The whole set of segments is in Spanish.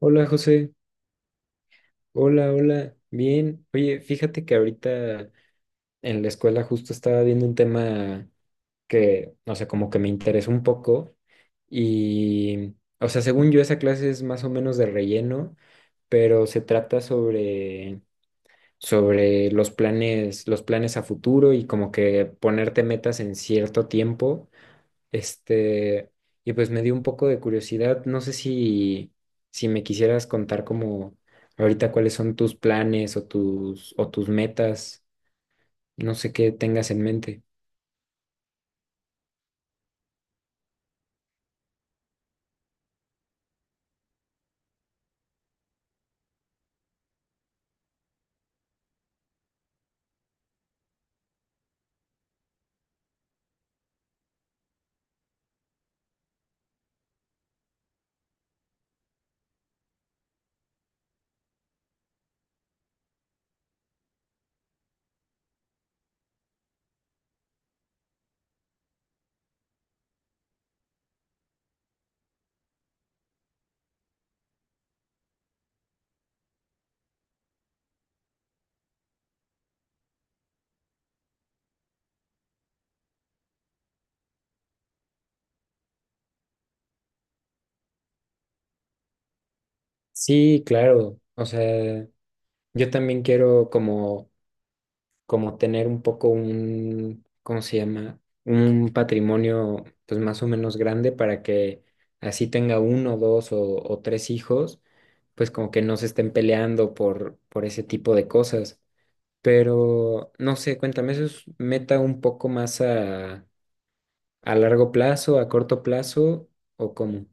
Hola José, hola, hola, bien. Oye, fíjate que ahorita en la escuela justo estaba viendo un tema que, o sea, como que me interesó un poco y, o sea, según yo esa clase es más o menos de relleno, pero se trata sobre los planes a futuro y como que ponerte metas en cierto tiempo este, y pues me dio un poco de curiosidad. No sé si me quisieras contar como ahorita cuáles son tus planes o tus metas. No sé qué tengas en mente. Sí, claro. O sea, yo también quiero como tener un poco un, ¿cómo se llama? Un patrimonio pues más o menos grande para que así tenga uno, dos o tres hijos, pues como que no se estén peleando por ese tipo de cosas. Pero no sé, cuéntame, ¿eso es meta un poco más a largo plazo, a corto plazo o cómo?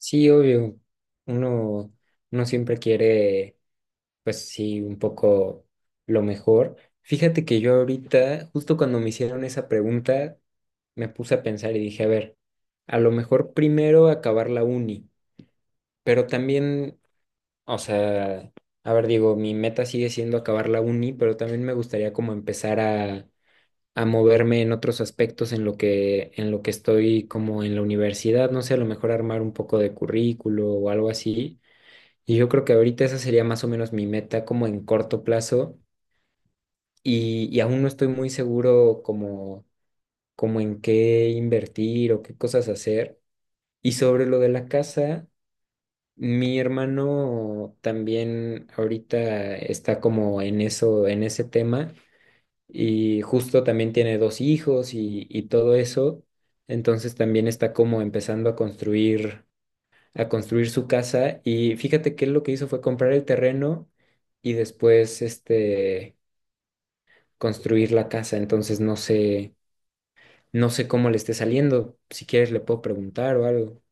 Sí, obvio, uno, uno siempre quiere, pues sí, un poco lo mejor. Fíjate que yo ahorita, justo cuando me hicieron esa pregunta, me puse a pensar y dije, a ver, a lo mejor primero acabar la uni, pero también, o sea, a ver, digo, mi meta sigue siendo acabar la uni, pero también me gustaría como empezar a moverme en otros aspectos en lo que estoy como en la universidad, no sé, a lo mejor armar un poco de currículo o algo así. Y yo creo que ahorita esa sería más o menos mi meta como en corto plazo y aún no estoy muy seguro como en qué invertir o qué cosas hacer. Y sobre lo de la casa, mi hermano también ahorita está como en eso, en ese tema. Y justo también tiene dos hijos y todo eso. Entonces también está como empezando a construir su casa. Y fíjate que él lo que hizo fue comprar el terreno y después construir la casa. Entonces no sé cómo le esté saliendo. Si quieres le puedo preguntar o algo.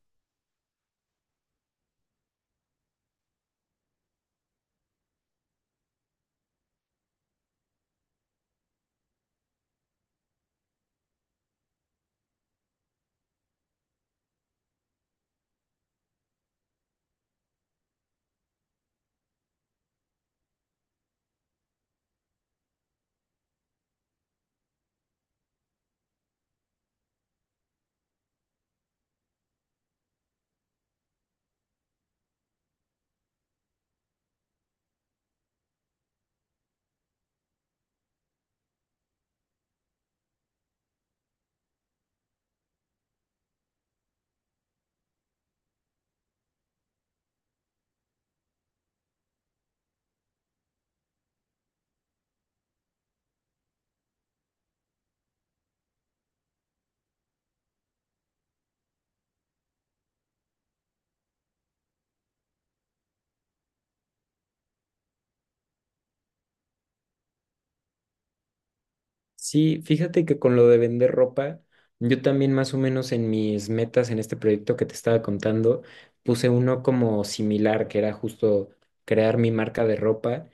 Sí, fíjate que con lo de vender ropa, yo también más o menos en mis metas en este proyecto que te estaba contando, puse uno como similar, que era justo crear mi marca de ropa.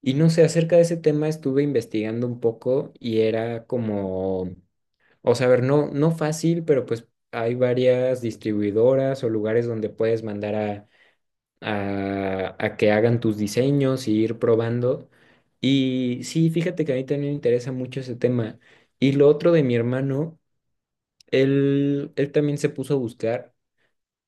Y no sé, acerca de ese tema estuve investigando un poco y era como, o sea, a ver, no, no fácil, pero pues hay varias distribuidoras o lugares donde puedes mandar a que hagan tus diseños y ir probando. Y sí, fíjate que a mí también me interesa mucho ese tema. Y lo otro de mi hermano, él también se puso a buscar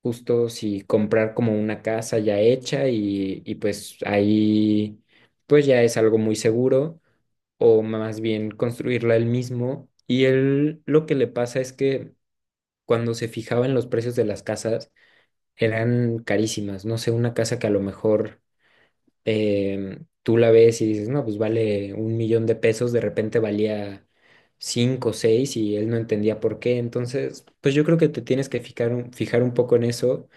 justo si comprar como una casa ya hecha y pues ahí pues ya es algo muy seguro o más bien construirla él mismo. Y él lo que le pasa es que cuando se fijaba en los precios de las casas eran carísimas. No sé, una casa que a lo mejor tú la ves y dices, no, pues vale un millón de pesos, de repente valía cinco o seis y él no entendía por qué. Entonces, pues yo creo que te tienes que fijar un poco en eso.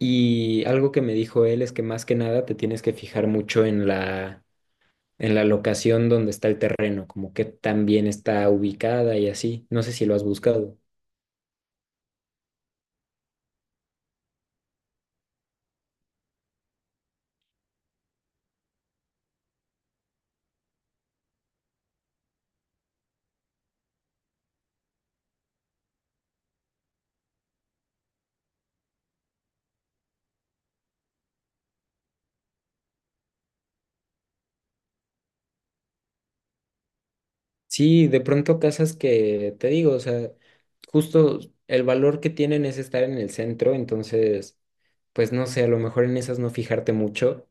Y algo que me dijo él es que más que nada te tienes que fijar mucho en la locación donde está el terreno, como que tan bien está ubicada y así. No sé si lo has buscado. Sí, de pronto casas que, te digo, o sea, justo el valor que tienen es estar en el centro, entonces, pues no sé, a lo mejor en esas no fijarte mucho.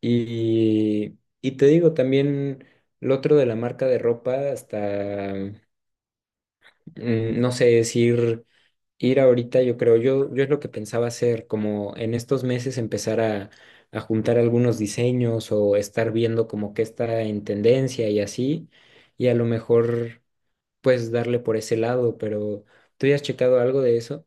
Y te digo, también lo otro de la marca de ropa, hasta, no sé, decir ir ahorita, yo creo, yo es lo que pensaba hacer, como en estos meses empezar a juntar algunos diseños o estar viendo como qué está en tendencia y así, y a lo mejor puedes darle por ese lado, pero ¿tú ya has checado algo de eso?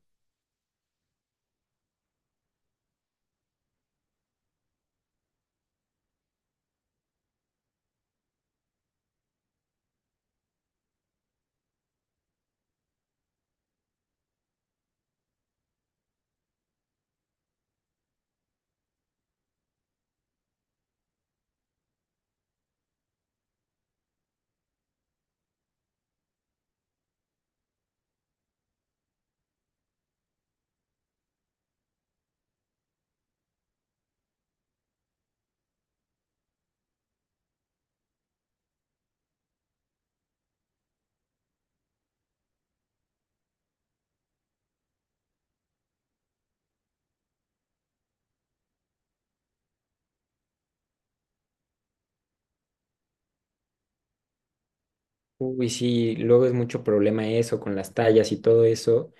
Uy, sí, luego es mucho problema eso con las tallas y todo eso.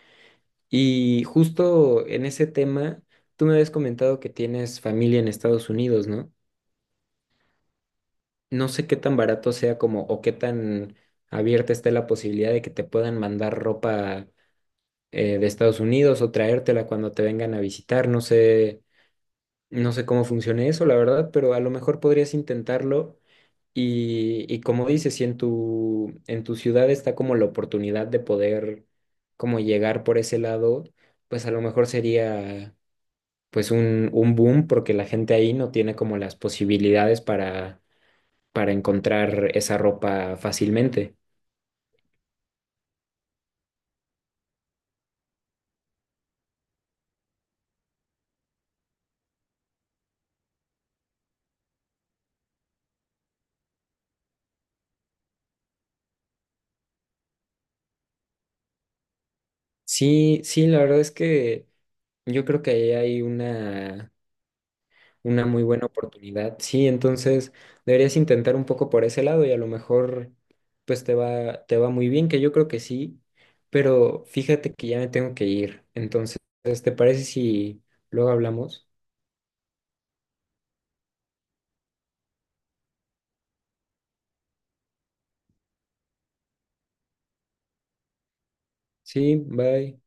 Y justo en ese tema, tú me habías comentado que tienes familia en Estados Unidos, ¿no? No sé qué tan barato sea como o qué tan abierta esté la posibilidad de que te puedan mandar ropa de Estados Unidos o traértela cuando te vengan a visitar. No sé cómo funcione eso, la verdad, pero a lo mejor podrías intentarlo. Y como dices, si en tu ciudad está como la oportunidad de poder como llegar por ese lado, pues a lo mejor sería pues un boom porque la gente ahí no tiene como las posibilidades para encontrar esa ropa fácilmente. Sí, sí, la verdad es que yo creo que ahí hay una muy buena oportunidad. Sí, entonces deberías intentar un poco por ese lado y a lo mejor pues te va muy bien, que yo creo que sí, pero fíjate que ya me tengo que ir. Entonces, ¿te parece si luego hablamos? Sí, bye.